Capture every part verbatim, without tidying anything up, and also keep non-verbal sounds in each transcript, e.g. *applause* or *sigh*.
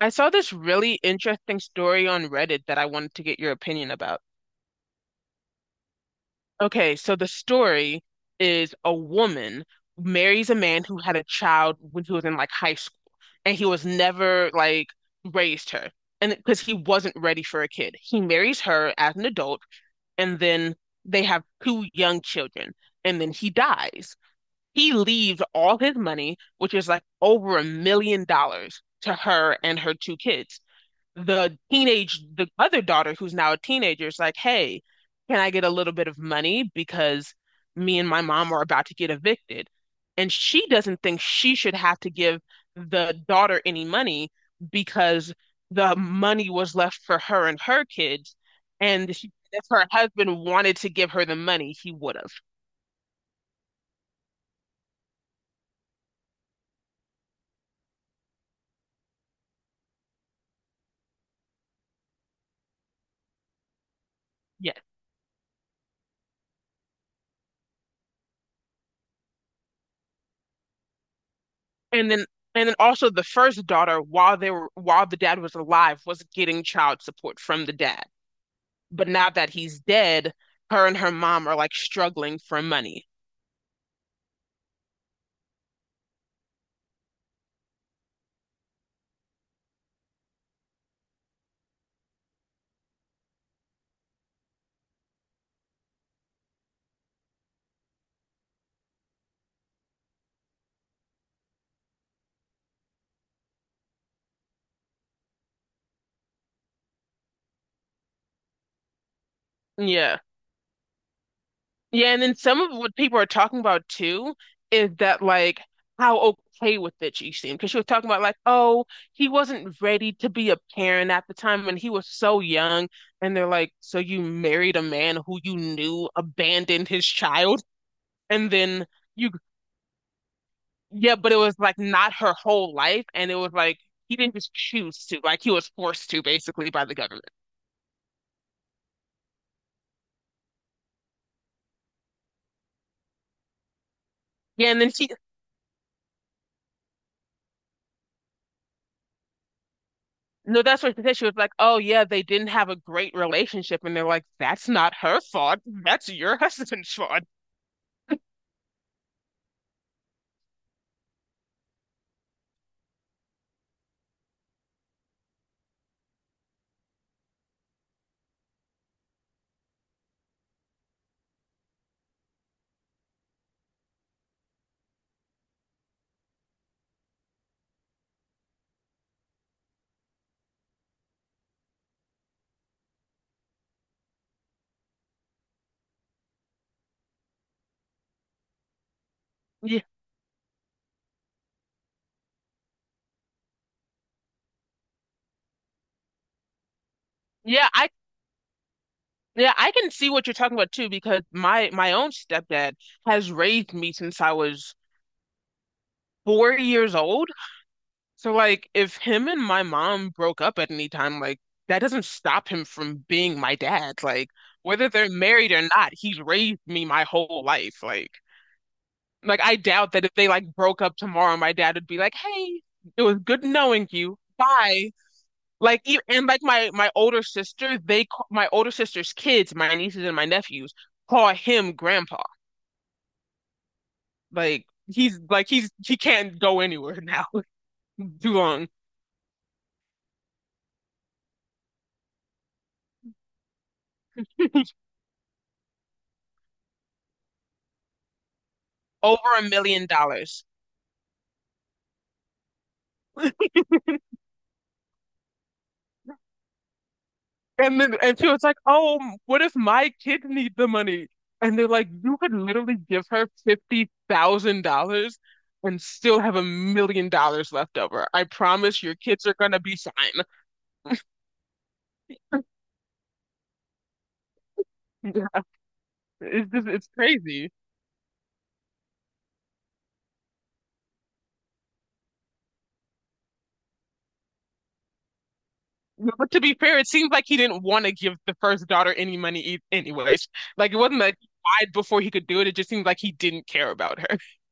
I saw this really interesting story on Reddit that I wanted to get your opinion about. Okay, so the story is a woman marries a man who had a child when he was in like high school, and he was never like raised her, and because he wasn't ready for a kid, he marries her as an adult, and then they have two young children, and then he dies. He leaves all his money, which is like over a million dollars, to her and her two kids. The teenage, the other daughter who's now a teenager is like, hey, can I get a little bit of money because me and my mom are about to get evicted? And she doesn't think she should have to give the daughter any money because the money was left for her and her kids. And she, if her husband wanted to give her the money, he would have. Yes. And then and then also the first daughter, while they were while the dad was alive, was getting child support from the dad. But now that he's dead, her and her mom are like struggling for money. Yeah. Yeah, and then some of what people are talking about too is that like how okay with it she seemed, because she was talking about like, oh, he wasn't ready to be a parent at the time when he was so young, and they're like, so you married a man who you knew abandoned his child, and then you, yeah, but it was like not her whole life, and it was like he didn't just choose to, like he was forced to basically by the government. Yeah, and then she No, that's what she said. She was like, "Oh yeah, they didn't have a great relationship," and they're like, "That's not her fault. That's your *laughs* husband's fault." Yeah, yeah, I yeah, I can see what you're talking about too because my my own stepdad has raised me since I was four years old. So like, if him and my mom broke up at any time, like that doesn't stop him from being my dad. Like whether they're married or not, he's raised me my whole life. Like Like I doubt that if they like broke up tomorrow, my dad would be like, "Hey, it was good knowing you. Bye." Like e- and like my my older sister, they ca- my older sister's kids, my nieces and my nephews, call him grandpa. Like he's like he's he can't go anywhere now *laughs* too long. Over a million dollars. And then and she was like, "Oh, m- What if my kid need the money?" And they're like, "You could literally give her fifty thousand dollars and still have a million dollars left over. I promise your kids are gonna be fine." *laughs* Yeah, It's just it's crazy. But to be fair, it seems like he didn't want to give the first daughter any money e anyways. Like it wasn't like he died before he could do it. It just seems like he didn't care about her. *laughs*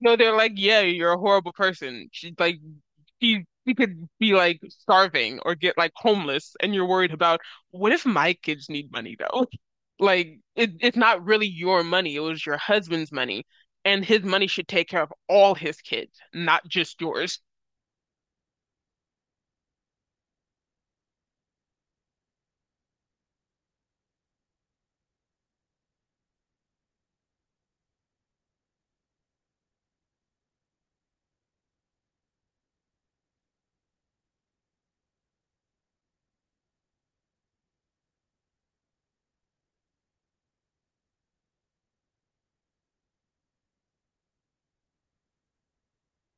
No, they're like, yeah, you're a horrible person. She, like she she could be like starving or get like homeless, and you're worried about what if my kids need money though? *laughs* Like it, it's not really your money; it was your husband's money, and his money should take care of all his kids, not just yours.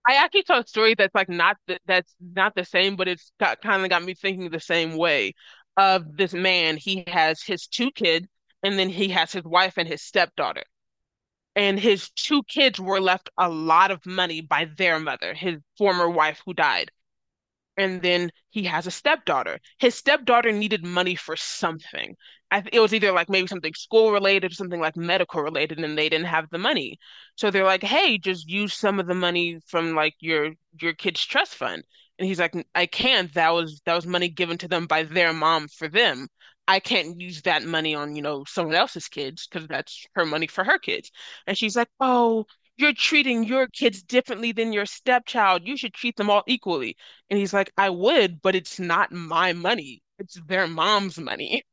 I actually saw a story that's like not the, that's not the same, but it's got kind of got me thinking the same way. Of this man, he has his two kids, and then he has his wife and his stepdaughter. And his two kids were left a lot of money by their mother, his former wife who died. And then he has a stepdaughter. His stepdaughter needed money for something. I th It was either like maybe something school related or something like medical related, and they didn't have the money. So they're like, "Hey, just use some of the money from like your your kid's trust fund." And he's like, "I can't. That was that was money given to them by their mom for them. I can't use that money on, you know, someone else's kids because that's her money for her kids." And she's like, "Oh, you're treating your kids differently than your stepchild. You should treat them all equally." And he's like, I would, but it's not my money. It's their mom's money.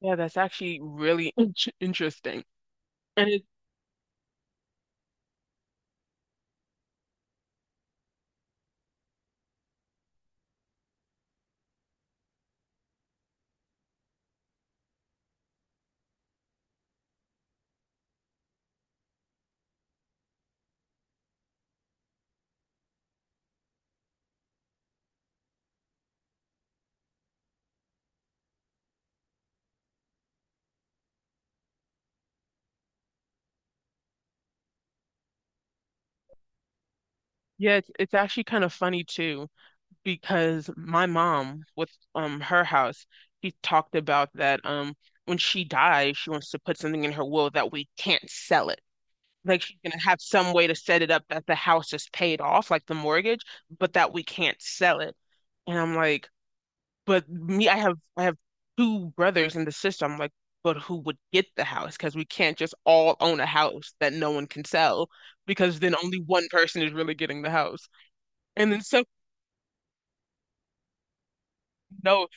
Yeah, that's actually really in interesting. And it, yeah, it's, it's actually kind of funny too, because my mom with um her house, she talked about that um when she dies, she wants to put something in her will that we can't sell it. Like she's gonna have some way to set it up that the house is paid off, like the mortgage, but that we can't sell it. And I'm like, But me, I have I have two brothers in the system. Like, but who would get the house? Because we can't just all own a house that no one can sell, because then only one person is really getting the house. And then some No,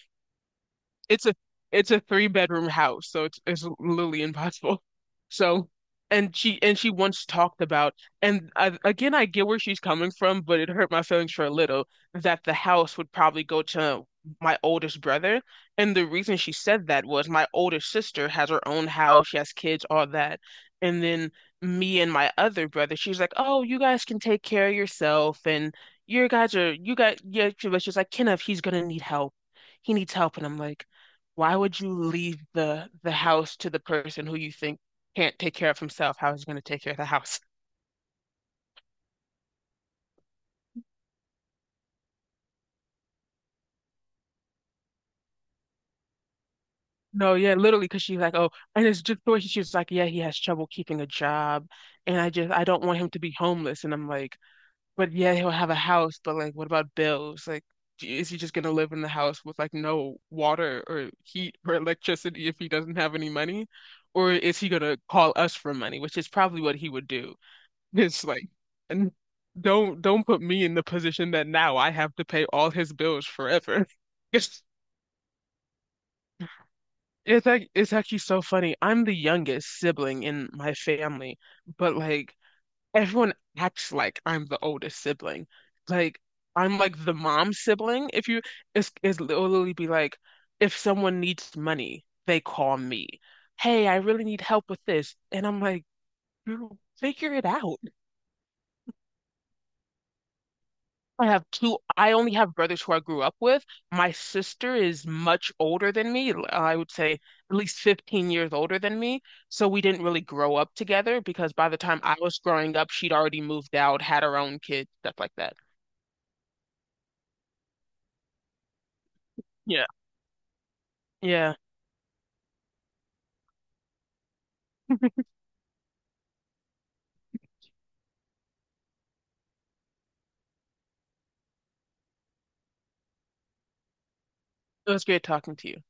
it's a it's a three bedroom house, so it's it's literally impossible. So, and she and she once talked about, and I, again, I get where she's coming from, but it hurt my feelings for a little that the house would probably go to my oldest brother. And the reason she said that was my older sister has her own house, she has kids, all that. And then me and my other brother, she's like, "Oh, you guys can take care of yourself, and your guys are you guys." Yeah, she was just like, "Kenneth, he's gonna need help. He needs help." And I'm like why would you leave the the house to the person who you think can't take care of himself? How is he going to take care of the house? No, yeah, literally, because she's like, oh, and it's just the way she, she was like, yeah, he has trouble keeping a job, and I just I don't want him to be homeless. And I'm like, but yeah, he'll have a house, but like, what about bills? Like, d- is he just going to live in the house with like no water or heat or electricity if he doesn't have any money? Or is he going to call us for money, which is probably what he would do. It's like, and don't don't put me in the position that now I have to pay all his bills forever. *laughs* It's it's like it's actually so funny. I'm the youngest sibling in my family, but like everyone acts like I'm the oldest sibling. Like I'm like the mom sibling. If you it's it's literally be like if someone needs money, they call me. Hey, I really need help with this. And I'm like, you figure it out. I have two. I only have brothers who I grew up with. My sister is much older than me. l- I would say at least fifteen years older than me. So we didn't really grow up together because by the time I was growing up, she'd already moved out, had her own kids, stuff like that. Yeah. Yeah. *laughs* It was great talking to you.